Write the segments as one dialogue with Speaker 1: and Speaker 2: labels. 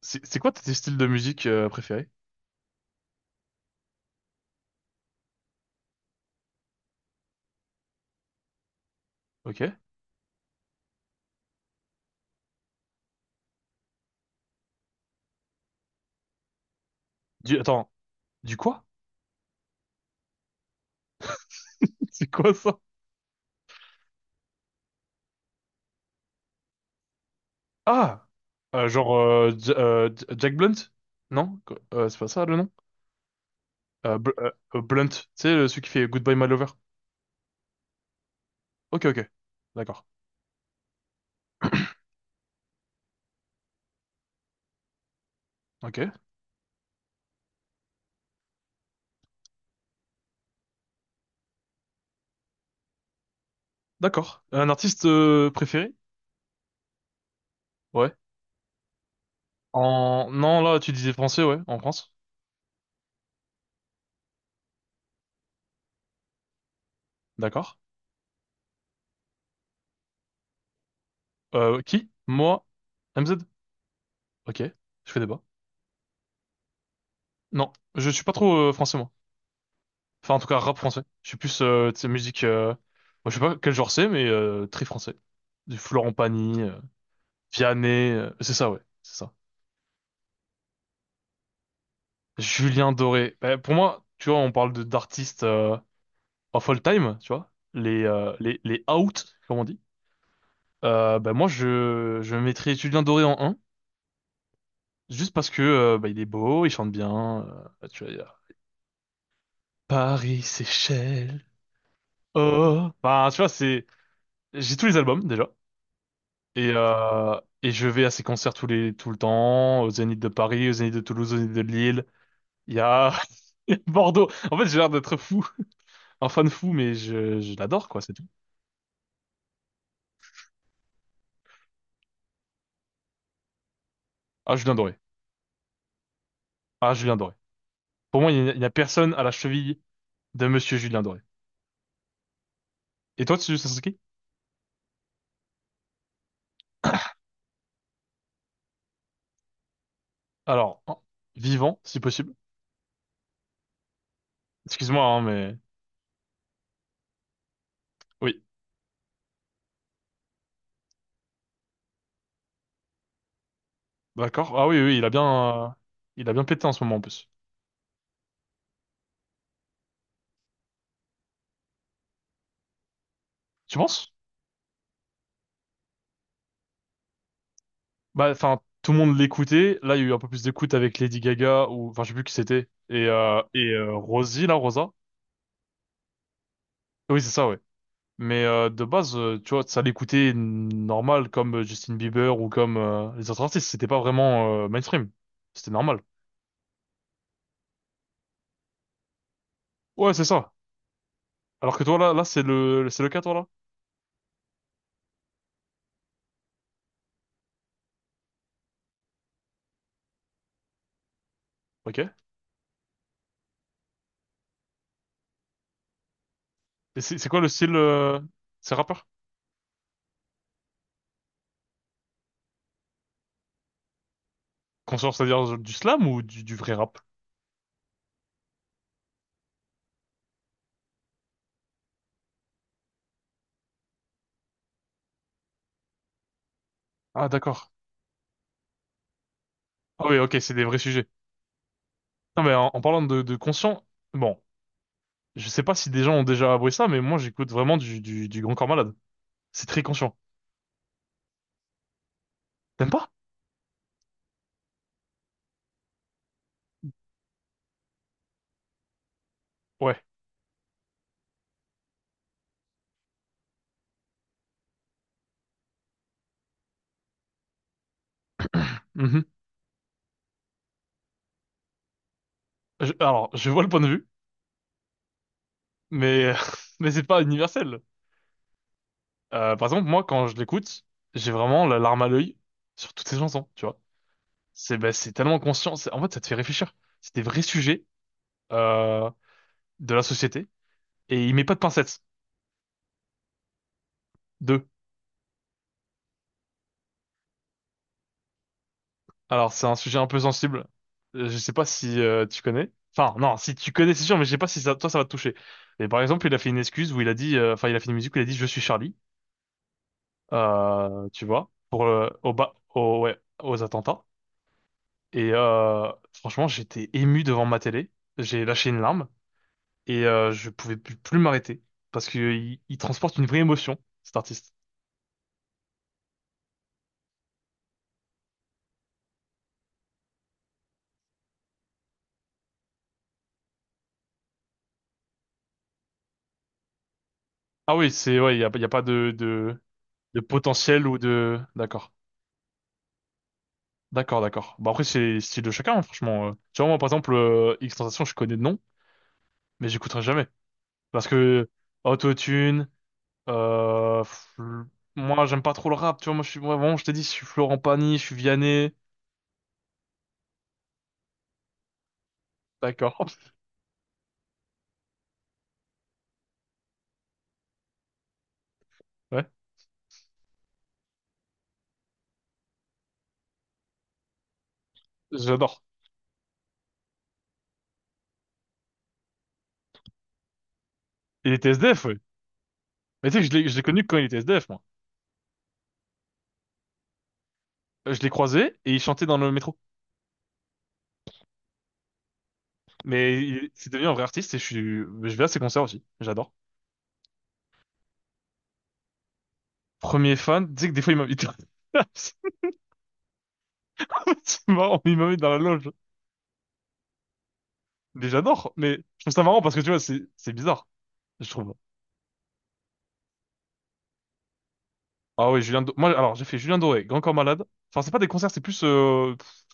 Speaker 1: C'est quoi tes styles de musique préférés? Ok. Attends, du quoi? C'est quoi ça? Ah! Genre, Jack Blunt? Non? C'est pas ça le nom? Blunt, tu sais, celui qui fait Goodbye My Lover. Ok, ok. D'accord. Ok. D'accord. Un artiste préféré? Ouais. Non, là, tu disais français, ouais, en France. D'accord. Qui? Moi? MZ? Ok. Je fais débat. Non, je suis pas trop français, moi. Enfin, en tout cas, rap français. Je suis plus, tu sais, musique... moi, je sais pas quel genre c'est, mais très français. Du Florent Pagny, Vianney... c'est ça, ouais. C'est ça. Julien Doré. Bah, pour moi, tu vois, on parle de d'artistes of all time, tu vois. Les out, comme on dit. Bah, moi, je mettrais Julien Doré en un, juste parce que bah, il est beau, il chante bien. Tu vois, il y a Paris, Seychelles... Oh... Enfin, tu vois, c'est... J'ai tous les albums, déjà. Et je vais à ses concerts tout le temps, aux Zénith de Paris, aux Zénith de Toulouse, aux Zénith de Lille. Il y a il y a Bordeaux. En fait, j'ai l'air d'être fou, un fan fou, mais je l'adore, quoi, c'est tout. Ah, Julien Doré. Ah, Julien Doré. Pour moi, il n'y a personne à la cheville de Monsieur Julien Doré. Et toi, tu Sasuke? Alors, vivant, si possible. Excuse-moi, hein, mais oui, d'accord. Ah oui, oui, il a bien pété en ce moment en plus. Tu penses? Bah, enfin, tout le monde l'écoutait. Là, il y a eu un peu plus d'écoute avec Lady Gaga ou, enfin, je sais plus qui c'était. Et, Rosie, là, Rosa. Oui, c'est ça, ouais. Mais de base, tu vois, ça l'écoutait normal comme Justin Bieber ou comme les autres artistes. C'était pas vraiment mainstream. C'était normal. Ouais, c'est ça. Alors que toi, là, là, c'est le cas, toi, là. Ok. Et c'est quoi le style, c'est rappeur? Qu'on sort, c'est-à-dire du slam ou du vrai rap? Ah, d'accord. Ah oui, ok, c'est des vrais sujets. Non, mais en parlant de conscient, bon. Je sais pas si des gens ont déjà avoué ça, mais moi j'écoute vraiment du Grand Corps Malade. C'est très conscient. T'aimes pas? Ouais. Mhm. Alors, je vois le point de vue, mais, mais c'est pas universel. Par exemple, moi quand je l'écoute, j'ai vraiment la larme à l'œil sur toutes ces chansons, tu vois. C'est tellement conscient, en fait ça te fait réfléchir. C'est des vrais sujets euh, de la société, et il met pas de pincettes. Alors, c'est un sujet un peu sensible. Je sais pas si tu connais. Enfin, non, si tu connais, c'est sûr, mais je sais pas si ça, toi, ça va te toucher. Mais par exemple, il a fait une excuse où il a dit, enfin, il a fait une musique où il a dit, je suis Charlie, tu vois, pour ouais, aux attentats. Et franchement, j'étais ému devant ma télé. J'ai lâché une larme et je pouvais plus m'arrêter parce que il transporte une vraie émotion, cet artiste. Ah oui, c'est ouais, il y a pas de potentiel ou de. D'accord. D'accord, d'accord. Bah après, c'est style de chacun, hein, franchement. Tu vois, moi, par exemple, X-Tentation, je connais de nom, mais j'écouterai jamais. Parce que Autotune, euh, pff, le- moi, j'aime pas trop le rap, tu vois. Moi, moi, vraiment, je t'ai dit, je suis Florent Pagny, je suis Vianney. D'accord. Ouais, j'adore. Il était SDF, ouais. Mais tu sais, que je l'ai connu quand il était SDF, moi. Je l'ai croisé et il chantait dans le métro. C'est devenu un vrai artiste et je vais à ses concerts aussi. J'adore. Premier fan, tu sais que des fois, il m'invite. C'est marrant, il m'invite dans la loge. Mais j'adore, mais je trouve ça marrant parce que tu vois, c'est bizarre, je trouve. Ah oui, moi, alors, j'ai fait Julien Doré, Grand Corps Malade. Enfin, c'est pas des concerts, c'est plus...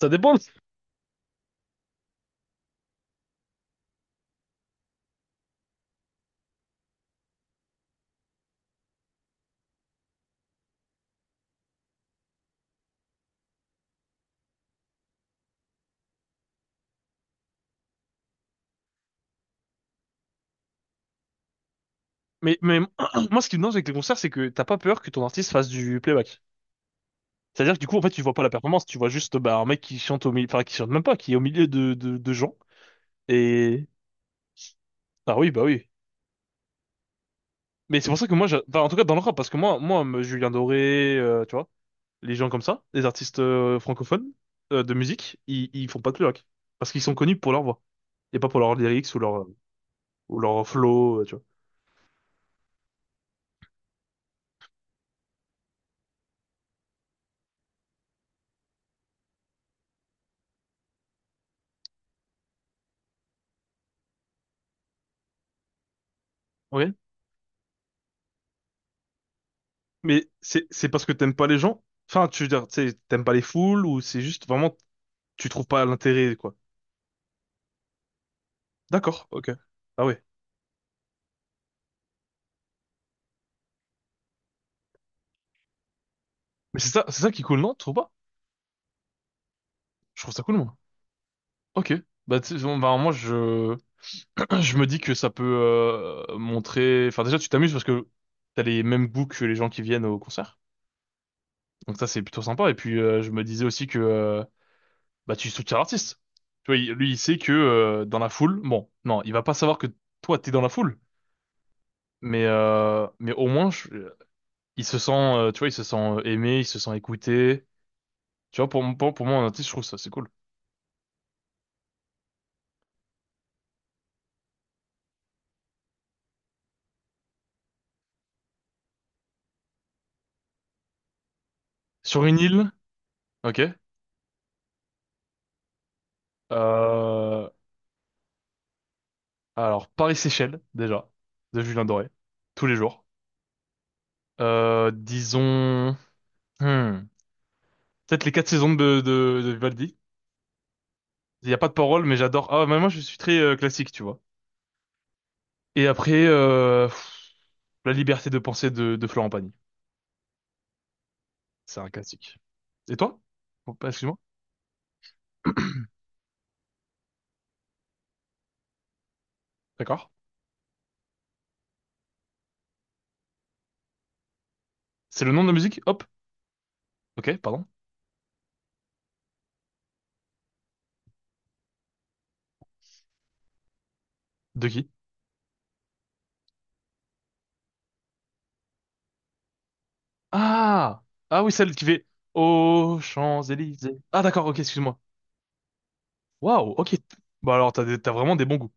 Speaker 1: ça dépend. Mais moi, ce qui me dérange avec les concerts, c'est que t'as pas peur que ton artiste fasse du playback. C'est-à-dire que du coup, en fait, tu vois pas la performance, tu vois juste bah, un mec qui chante au milieu... Enfin, qui chante même pas, qui est au milieu de gens. Et... Ah oui, bah oui. Mais c'est pour ça que moi, enfin, en tout cas, dans le rap, parce que Julien Doré, tu vois, les gens comme ça, les artistes francophones de musique, ils font pas de rock. Parce qu'ils sont connus pour leur voix. Et pas pour leurs lyrics ou ou leur flow, tu vois. Ok. Mais c'est parce que t'aimes pas les gens. Enfin, tu veux dire, tu sais, t'aimes pas les foules ou c'est juste vraiment, tu trouves pas l'intérêt, quoi. D'accord, ok. Ah ouais. Mais c'est ça qui est cool, non? Tu trouves pas? Je trouve ça cool, moi. Ok. Bah, tu sais, bon, bah, moi, je... je me dis que ça peut montrer... Enfin, déjà, tu t'amuses parce que t'as les mêmes goûts que les gens qui viennent au concert. Donc ça, c'est plutôt sympa. Et puis, je me disais aussi que bah, tu soutiens l'artiste. Tu vois, lui, il sait que dans la foule, bon, non, il va pas savoir que toi, t'es dans la foule. Mais au moins, il se sent, tu vois, il se sent aimé, il se sent écouté. Tu vois, pour moi, un artiste, je trouve ça, c'est cool. Sur une île, ok. Euh, alors, Paris-Séchelles, déjà, de Julien Doré, tous les jours. Disons, hmm, peut-être les quatre saisons de Vivaldi. Il n'y a pas de parole, mais j'adore. Ah, mais moi, je suis très classique, tu vois. Et après, la liberté de penser de Florent Pagny. C'est un classique. Et toi? Excuse-moi. D'accord. C'est le nom de la musique? Hop. Ok, pardon. De qui? Ah! Ah oui, celle qui fait aux Champs-Élysées. Ah d'accord, ok, excuse-moi. Waouh, ok. Bah alors, t'as vraiment des bons goûts.